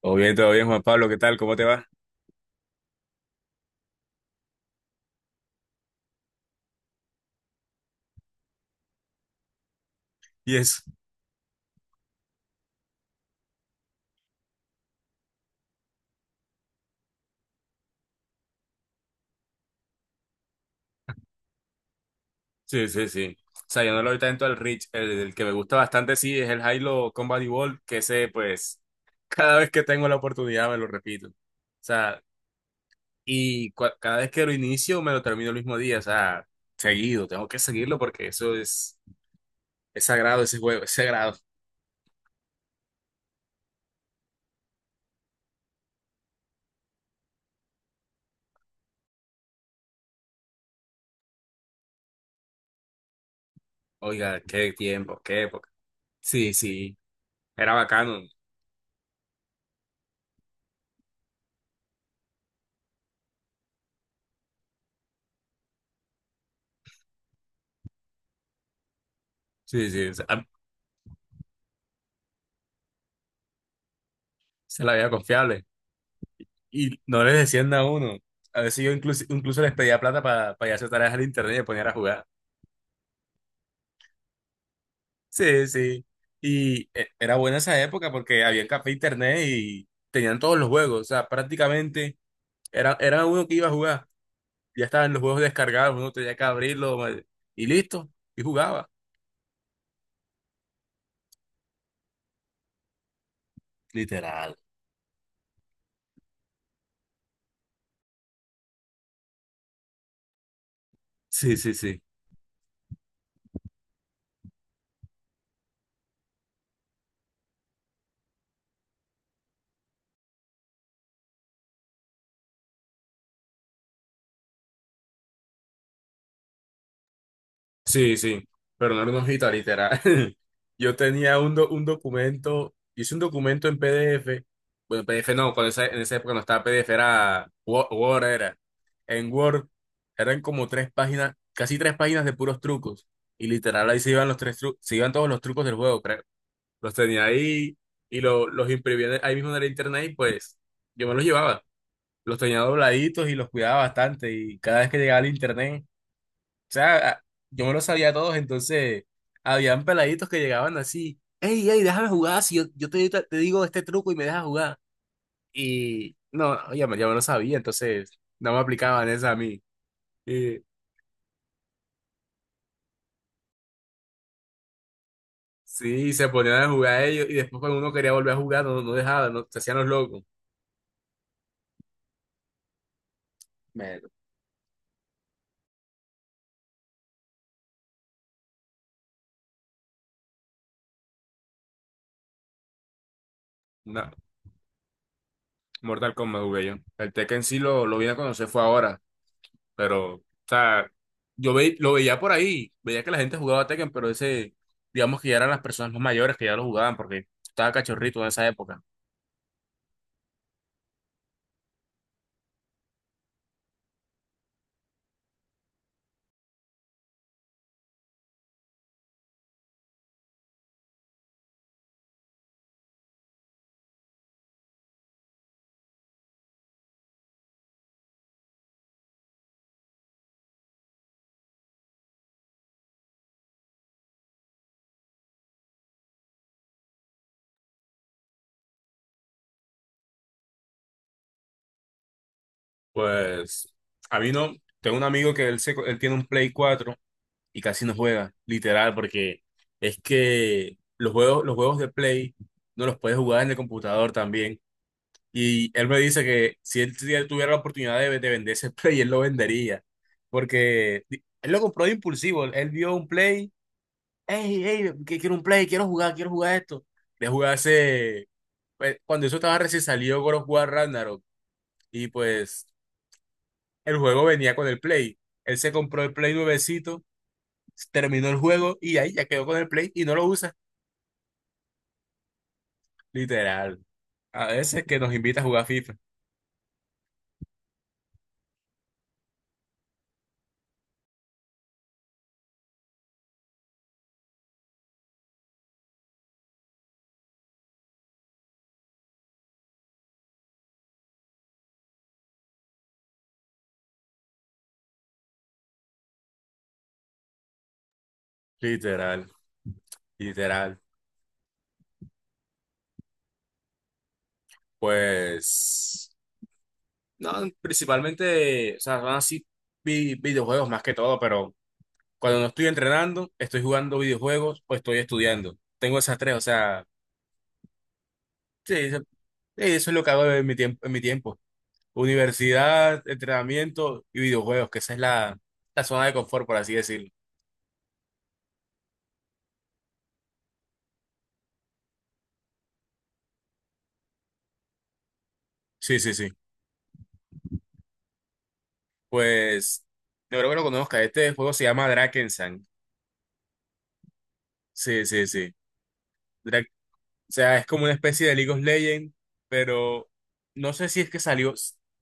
Todo bien, Juan Pablo, ¿qué tal? ¿Cómo te va? Yes. Sí, sí, sí. O sea, yo no lo doy tanto al Rich. El que me gusta bastante, sí, es el Halo Combat Evolved, que ese, pues, cada vez que tengo la oportunidad me lo repito. O sea, y cada vez que lo inicio me lo termino el mismo día. O sea, seguido, tengo que seguirlo porque eso es sagrado ese juego, es sagrado. Oiga, qué tiempo, qué época. Sí, sí, era bacano. Sí, sí, o sea, se la veía confiable. Y no les decían a uno. A veces yo incluso les pedía plata para hacer tareas al internet y me ponían a jugar. Sí, sí. Y era buena esa época porque había café e internet y tenían todos los juegos. O sea, prácticamente era uno que iba a jugar. Ya estaban los juegos descargados, uno tenía que abrirlo y listo. Y jugaba. Literal. Sí, sí, sí. Sí, sí, pero no era una hojita, literal. Yo tenía un documento, hice un documento en PDF. Bueno, PDF no, cuando en esa época no estaba PDF, era Word, era. En Word eran como tres páginas, casi tres páginas de puros trucos, y literal ahí se iban los tres trucos, se iban todos los trucos del juego, creo. Los tenía ahí y los imprimía ahí mismo en el internet y pues yo me los llevaba. Los tenía dobladitos y los cuidaba bastante y cada vez que llegaba al internet. O sea, yo me lo sabía a todos, entonces habían peladitos que llegaban así, hey, hey, déjame jugar, si yo, te digo este truco y me dejas jugar. Y no, ya me lo sabía, entonces no me aplicaban esa a mí. Y sí, se ponían a jugar ellos y después cuando uno quería volver a jugar, no, no dejaban, no, se hacían los locos. Me- Una, Mortal Kombat jugué yo. El Tekken sí lo vine a conocer fue ahora. Pero, o sea, yo lo veía por ahí, veía que la gente jugaba Tekken, pero ese, digamos que ya eran las personas más mayores que ya lo jugaban, porque estaba cachorrito en esa época. Pues, a mí no, tengo un amigo que él tiene un Play 4 y casi no juega, literal, porque es que los juegos de Play no los puedes jugar en el computador también. Y él me dice que si él tuviera la oportunidad de vender ese Play, él lo vendería, porque él lo compró de impulsivo, él vio un Play. Hey, hey, que quiero un play, quiero jugar esto. Le jugué hace, pues, cuando eso estaba recién salido God of War Ragnarok, y pues el juego venía con el play. Él se compró el play nuevecito, terminó el juego y ahí ya quedó con el play y no lo usa. Literal. A veces que nos invita a jugar FIFA. Literal, literal. Pues, no, principalmente, o sea, son así videojuegos más que todo. Pero cuando no estoy entrenando, estoy jugando videojuegos o estoy estudiando. Tengo esas tres, o sea, sí, eso es lo que hago en mi tiempo, en mi tiempo. Universidad, entrenamiento y videojuegos, que esa es la zona de confort, por así decirlo. Sí, sí, sí. Pues, yo creo que lo conozca. Este juego se llama Drakensang. Sí, sí, sí. Dra- o sea, es como una especie de League of Legends, pero no sé si es que salió.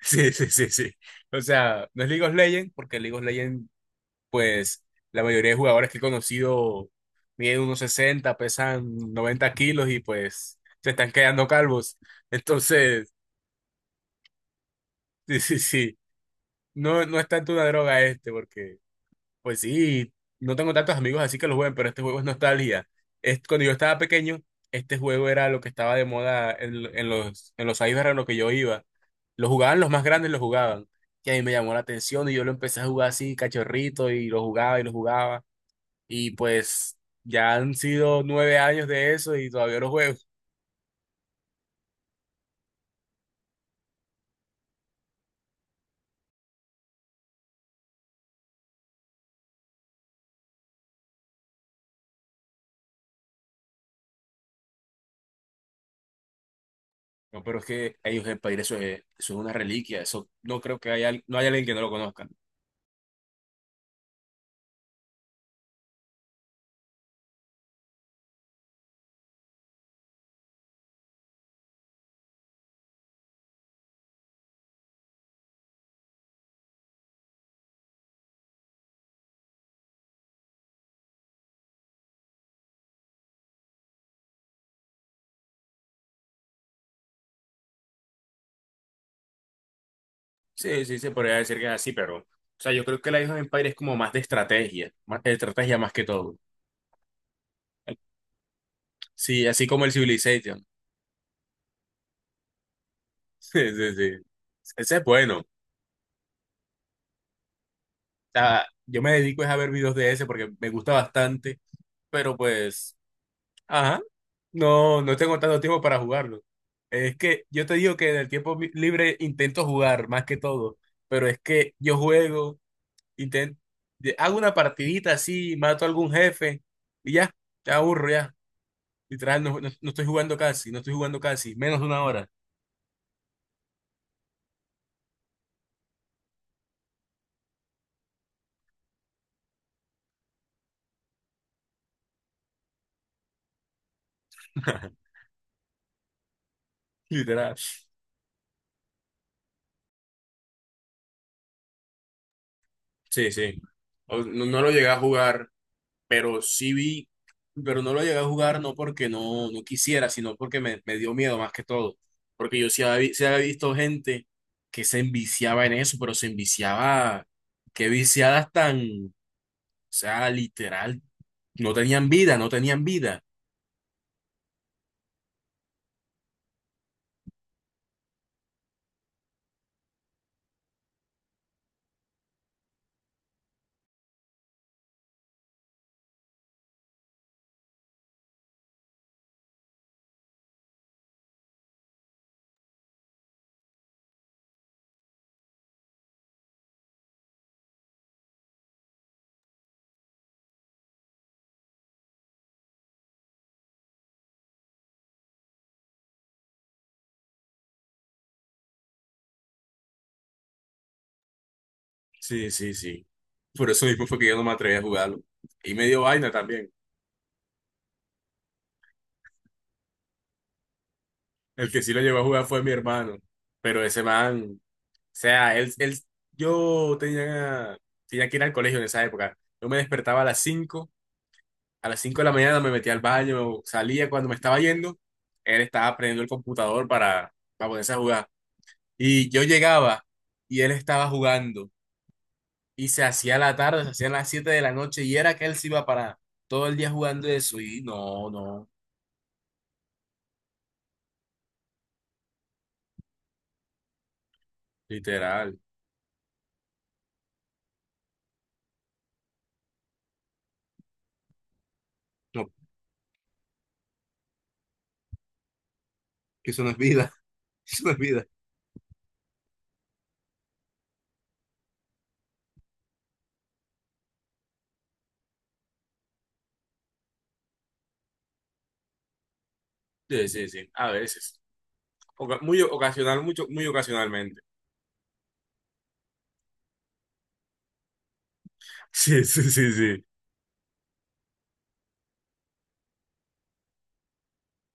Sí, sí, sí, sí. O sea, no es League of Legends, porque League of Legends, pues la mayoría de jugadores que he conocido miden unos 60, pesan 90 kilos y pues se están quedando calvos. Entonces, sí, sí, sí, no, no es tanto una droga este, porque pues sí, no tengo tantos amigos así que lo jueguen, pero este juego es nostalgia. Es, cuando yo estaba pequeño, este juego era lo que estaba de moda en los cyber en los que yo iba. Lo jugaban los más grandes, lo jugaban. Y a mí me llamó la atención y yo lo empecé a jugar así, cachorrito, y lo jugaba y lo jugaba. Y pues ya han sido 9 años de eso y todavía no juego. No, pero es que ellos el país, eso es una reliquia. Eso no creo que haya, no haya alguien que no lo conozca. Sí, sí, se podría decir que es así. Pero, o sea, yo creo que la Age of Empires es como más de estrategia, más de estrategia más que todo. Sí, así como el Civilization. Sí, sí, sí. Ese es bueno. O sea, yo me dedico es a ver videos de ese porque me gusta bastante, pero pues. Ajá. No, no tengo tanto tiempo para jugarlo. Es que yo te digo que en el tiempo libre intento jugar más que todo, pero es que yo juego, intento, hago una partidita así, mato a algún jefe y ya, te aburro ya. Literal, no estoy jugando casi, no estoy jugando casi, menos de 1 hora. Literal. Sí, sí. No, no lo llegué a jugar. Pero sí vi, pero no lo llegué a jugar no porque no, no quisiera, sino porque me dio miedo más que todo. Porque yo sí había visto gente que se enviciaba en eso, pero se enviciaba, qué viciadas tan, o sea, literal, no tenían vida, no tenían vida. Sí, sí, sí. Por eso mismo fue que yo no me atreví a jugarlo. Y me dio vaina también. El que sí lo llegó a jugar fue mi hermano, pero ese man... Sea, él, yo tenía, tenía que ir al colegio en esa época. Yo me despertaba a las cinco de la mañana, me metía al baño, salía cuando me estaba yendo, él estaba prendiendo el computador para ponerse a jugar. Y yo llegaba y él estaba jugando. Y se hacía la tarde, se hacían las 7 de la noche y era que él se iba. Para todo el día jugando eso. Y no, no, literal. No, que eso no es vida, eso no es vida. Sí, sí, sí, a veces. Muy ocasional, mucho, muy ocasionalmente. Sí, sí, sí, sí.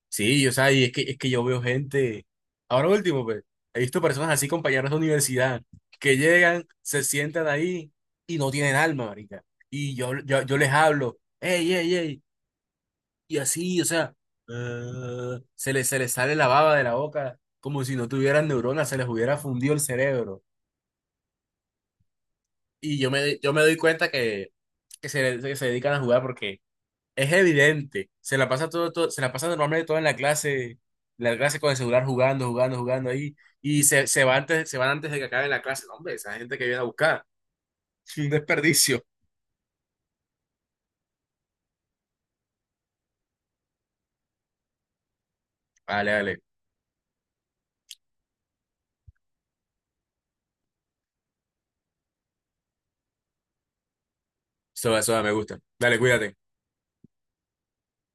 Sí, o sea, y es que, yo veo gente, ahora último, pues, he visto personas así, compañeros de universidad, que llegan, se sientan ahí y no tienen alma, marica. Y yo les hablo, ey, ey, ey, y así, o sea, se les sale la baba de la boca, como si no tuvieran neuronas, se les hubiera fundido el cerebro. Y yo me doy cuenta que, que se dedican a jugar porque es evidente. Se la pasa normalmente todo en la clase con el celular jugando, jugando, jugando ahí. Y se va antes, se van antes de que acabe la clase. No, hombre, esa gente que viene a buscar. Un desperdicio. Vale, dale. Eso me gusta. Dale, cuídate.